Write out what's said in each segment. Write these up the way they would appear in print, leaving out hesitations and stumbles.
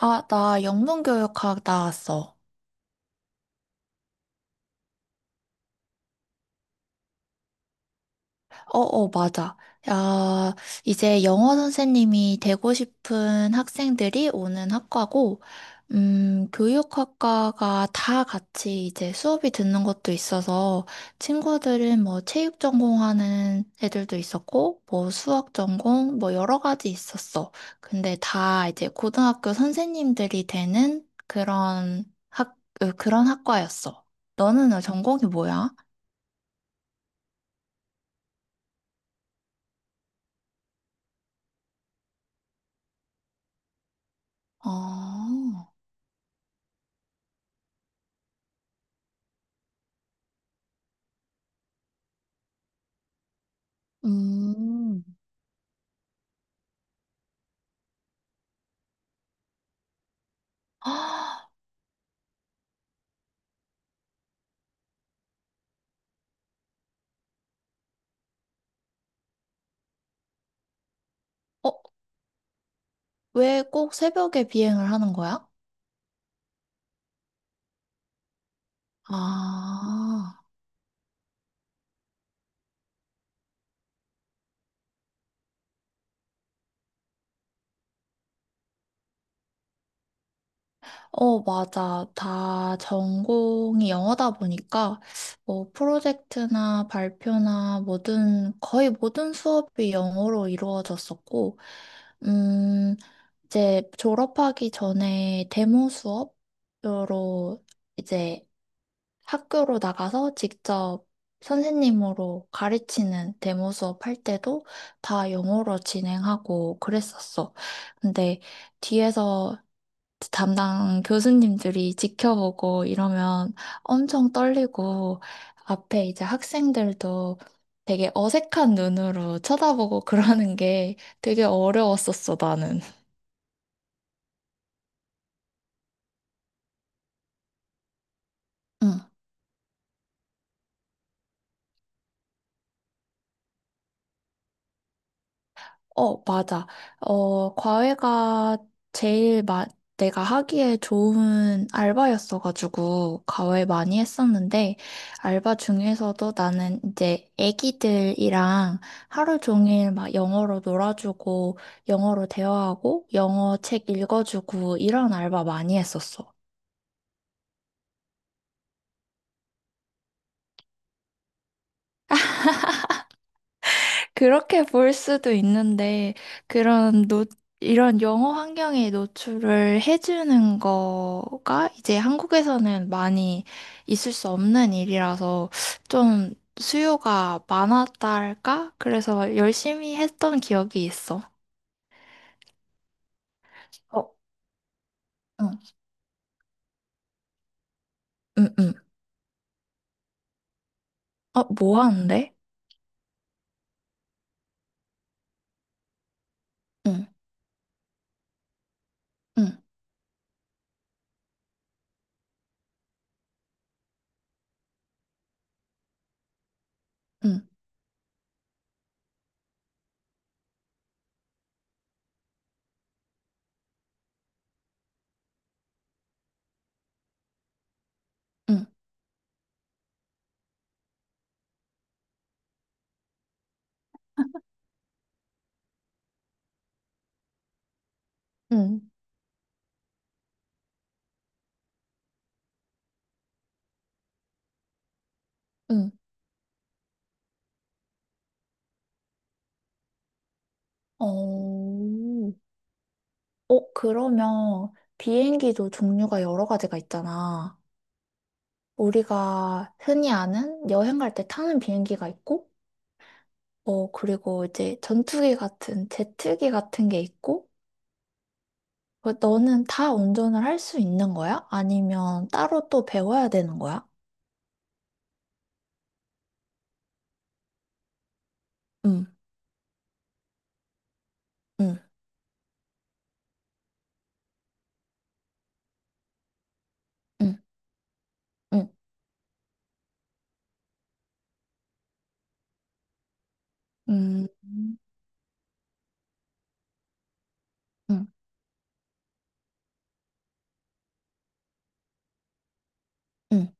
아, 나 영문교육학 나왔어. 어, 어, 맞아. 야, 이제 영어 선생님이 되고 싶은 학생들이 오는 학과고, 교육학과가 다 같이 이제 수업이 듣는 것도 있어서, 친구들은 뭐 체육 전공하는 애들도 있었고, 뭐 수학 전공, 뭐 여러 가지 있었어. 근데 다 이제 고등학교 선생님들이 되는 그런 학, 그런 학과였어. 너는 전공이 뭐야? 아, 음. 아, 어, 왜 꼭 새벽에 비행을 하는 거야? 아, 어, 맞아. 다 전공이 영어다 보니까, 뭐, 프로젝트나 발표나 모든, 거의 모든 수업이 영어로 이루어졌었고, 음, 이제 졸업하기 전에 데모 수업으로 이제 학교로 나가서 직접 선생님으로 가르치는 데모 수업 할 때도 다 영어로 진행하고 그랬었어. 근데 뒤에서 담당 교수님들이 지켜보고 이러면 엄청 떨리고 앞에 이제 학생들도 되게 어색한 눈으로 쳐다보고 그러는 게 되게 어려웠었어, 나는. 응. 어, 맞아. 어, 과외가 제일 마, 내가 하기에 좋은 알바였어가지고, 과외 많이 했었는데, 알바 중에서도 나는 이제 애기들이랑 하루 종일 막 영어로 놀아주고, 영어로 대화하고, 영어 책 읽어주고, 이런 알바 많이 했었어. 그렇게 볼 수도 있는데, 그런 노, 이런 영어 환경에 노출을 해주는 거가 이제 한국에서는 많이 있을 수 없는 일이라서 좀 수요가 많았달까? 그래서 열심히 했던 기억이 있어. 어, 응, 응, 응. 어, 뭐 하는데? 응, 응, 응, 응, 응, 응. 어, 어, 그러면 비행기도 종류가 여러 가지가 있잖아. 우리가 흔히 아는 여행 갈 때 타는 비행기가 있고, 어, 그리고 이제 전투기 같은, 제트기 같은 게 있고, 그 너는 다 운전을 할 수 있는 거야? 아니면 따로 또 배워야 되는 거야? 응, 응, 응, 응, 응, 응, 응.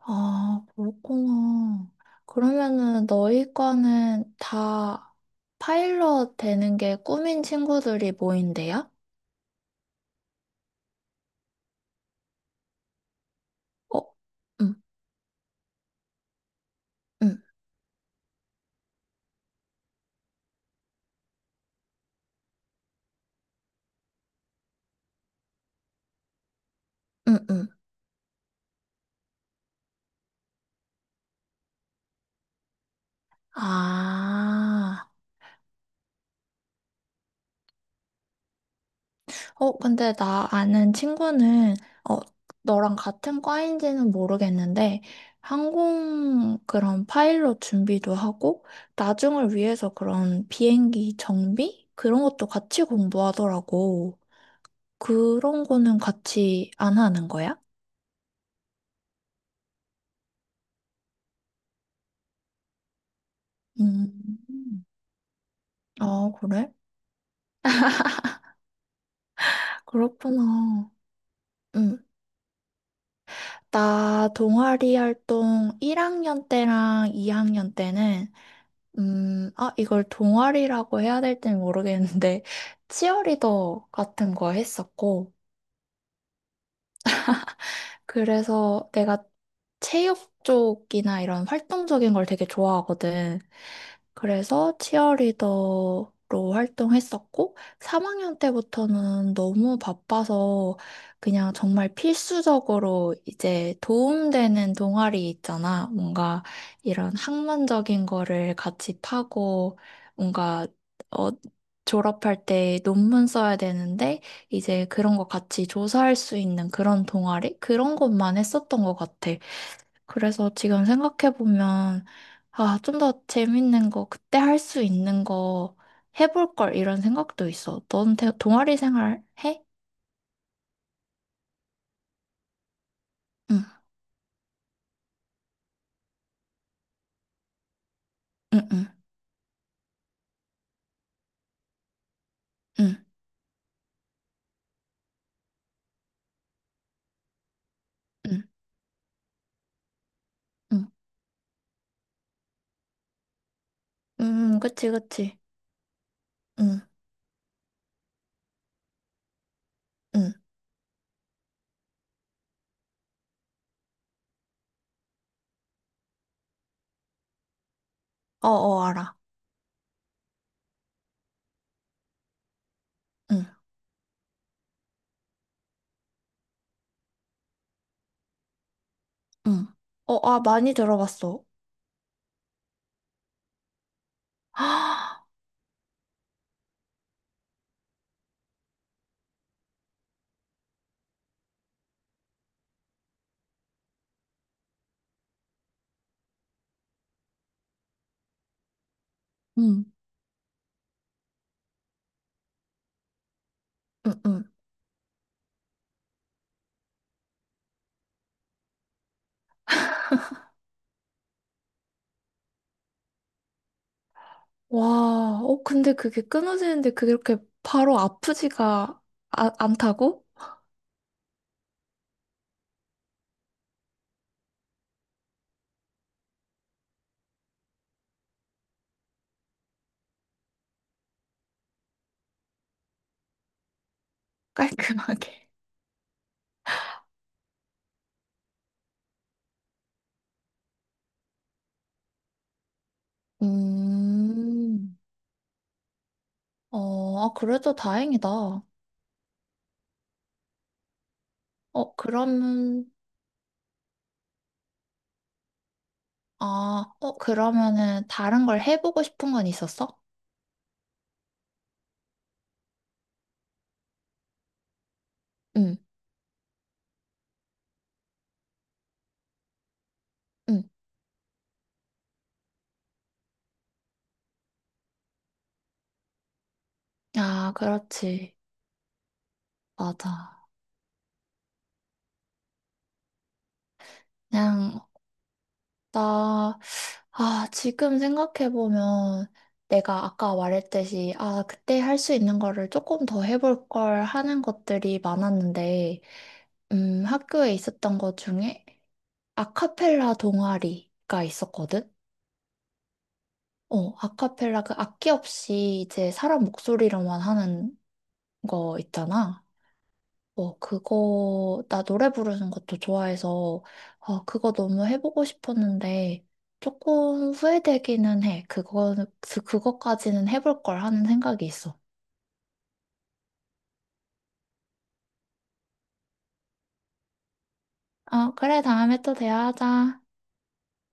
아, 그렇구나. 그러면은 너희 과는 다 파일럿 되는 게 꿈인 친구들이 모인대요? 어? 응, 응, 응, 응. 아. 어, 근데 나 아는 친구는, 어, 너랑 같은 과인지는 모르겠는데, 항공 그런 파일럿 준비도 하고, 나중을 위해서 그런 비행기 정비? 그런 것도 같이 공부하더라고. 그런 거는 같이 안 하는 거야? 음, 아, 그래? 그렇구나. 음, 나 동아리 활동 1학년 때랑 2학년 때는 아, 이걸 동아리라고 해야 될지는 모르겠는데, 치어리더 같은 거 했었고, 그래서 내가 체육 쪽이나 이런 활동적인 걸 되게 좋아하거든. 그래서 치어리더로 활동했었고, 3학년 때부터는 너무 바빠서 그냥 정말 필수적으로 이제 도움되는 동아리 있잖아. 뭔가 이런 학문적인 거를 같이 파고, 뭔가, 어, 졸업할 때 논문 써야 되는데, 이제 그런 거 같이 조사할 수 있는 그런 동아리? 그런 것만 했었던 것 같아. 그래서 지금 생각해보면, 아, 좀 더 재밌는 거, 그때 할 수 있는 거 해볼 걸, 이런 생각도 있어. 넌 동아리 생활 해? 응, 응, 응, 응, 응, 응. 그치, 그치. 응, 응. 어, 어, 알아. 응, 응. 어, 아, 많이 들어봤어. 응, 응, 응. 와, 어, 근데 그게 끊어지는데 그렇게 바로 아프지가 아, 않다고? 깔끔하게. 음, 어, 아, 그래도 다행이다. 어, 그러면, 아, 어, 그러면은 다른 걸 해보고 싶은 건 있었어? 응, 응. 아, 그렇지. 맞아. 그냥, 나 지금 생각해보면 내가 아까 말했듯이, 아, 그때 할 수 있는 거를 조금 더 해볼 걸 하는 것들이 많았는데, 학교에 있었던 것 중에 아카펠라 동아리가 있었거든? 어, 아카펠라 그 악기 없이 이제 사람 목소리로만 하는 거 있잖아. 어, 그거, 나 노래 부르는 것도 좋아해서, 어, 그거 너무 해보고 싶었는데, 조금 후회되기는 해. 그거까지는 해볼 걸 하는 생각이 있어. 어, 그래, 다음에 또 대화하자.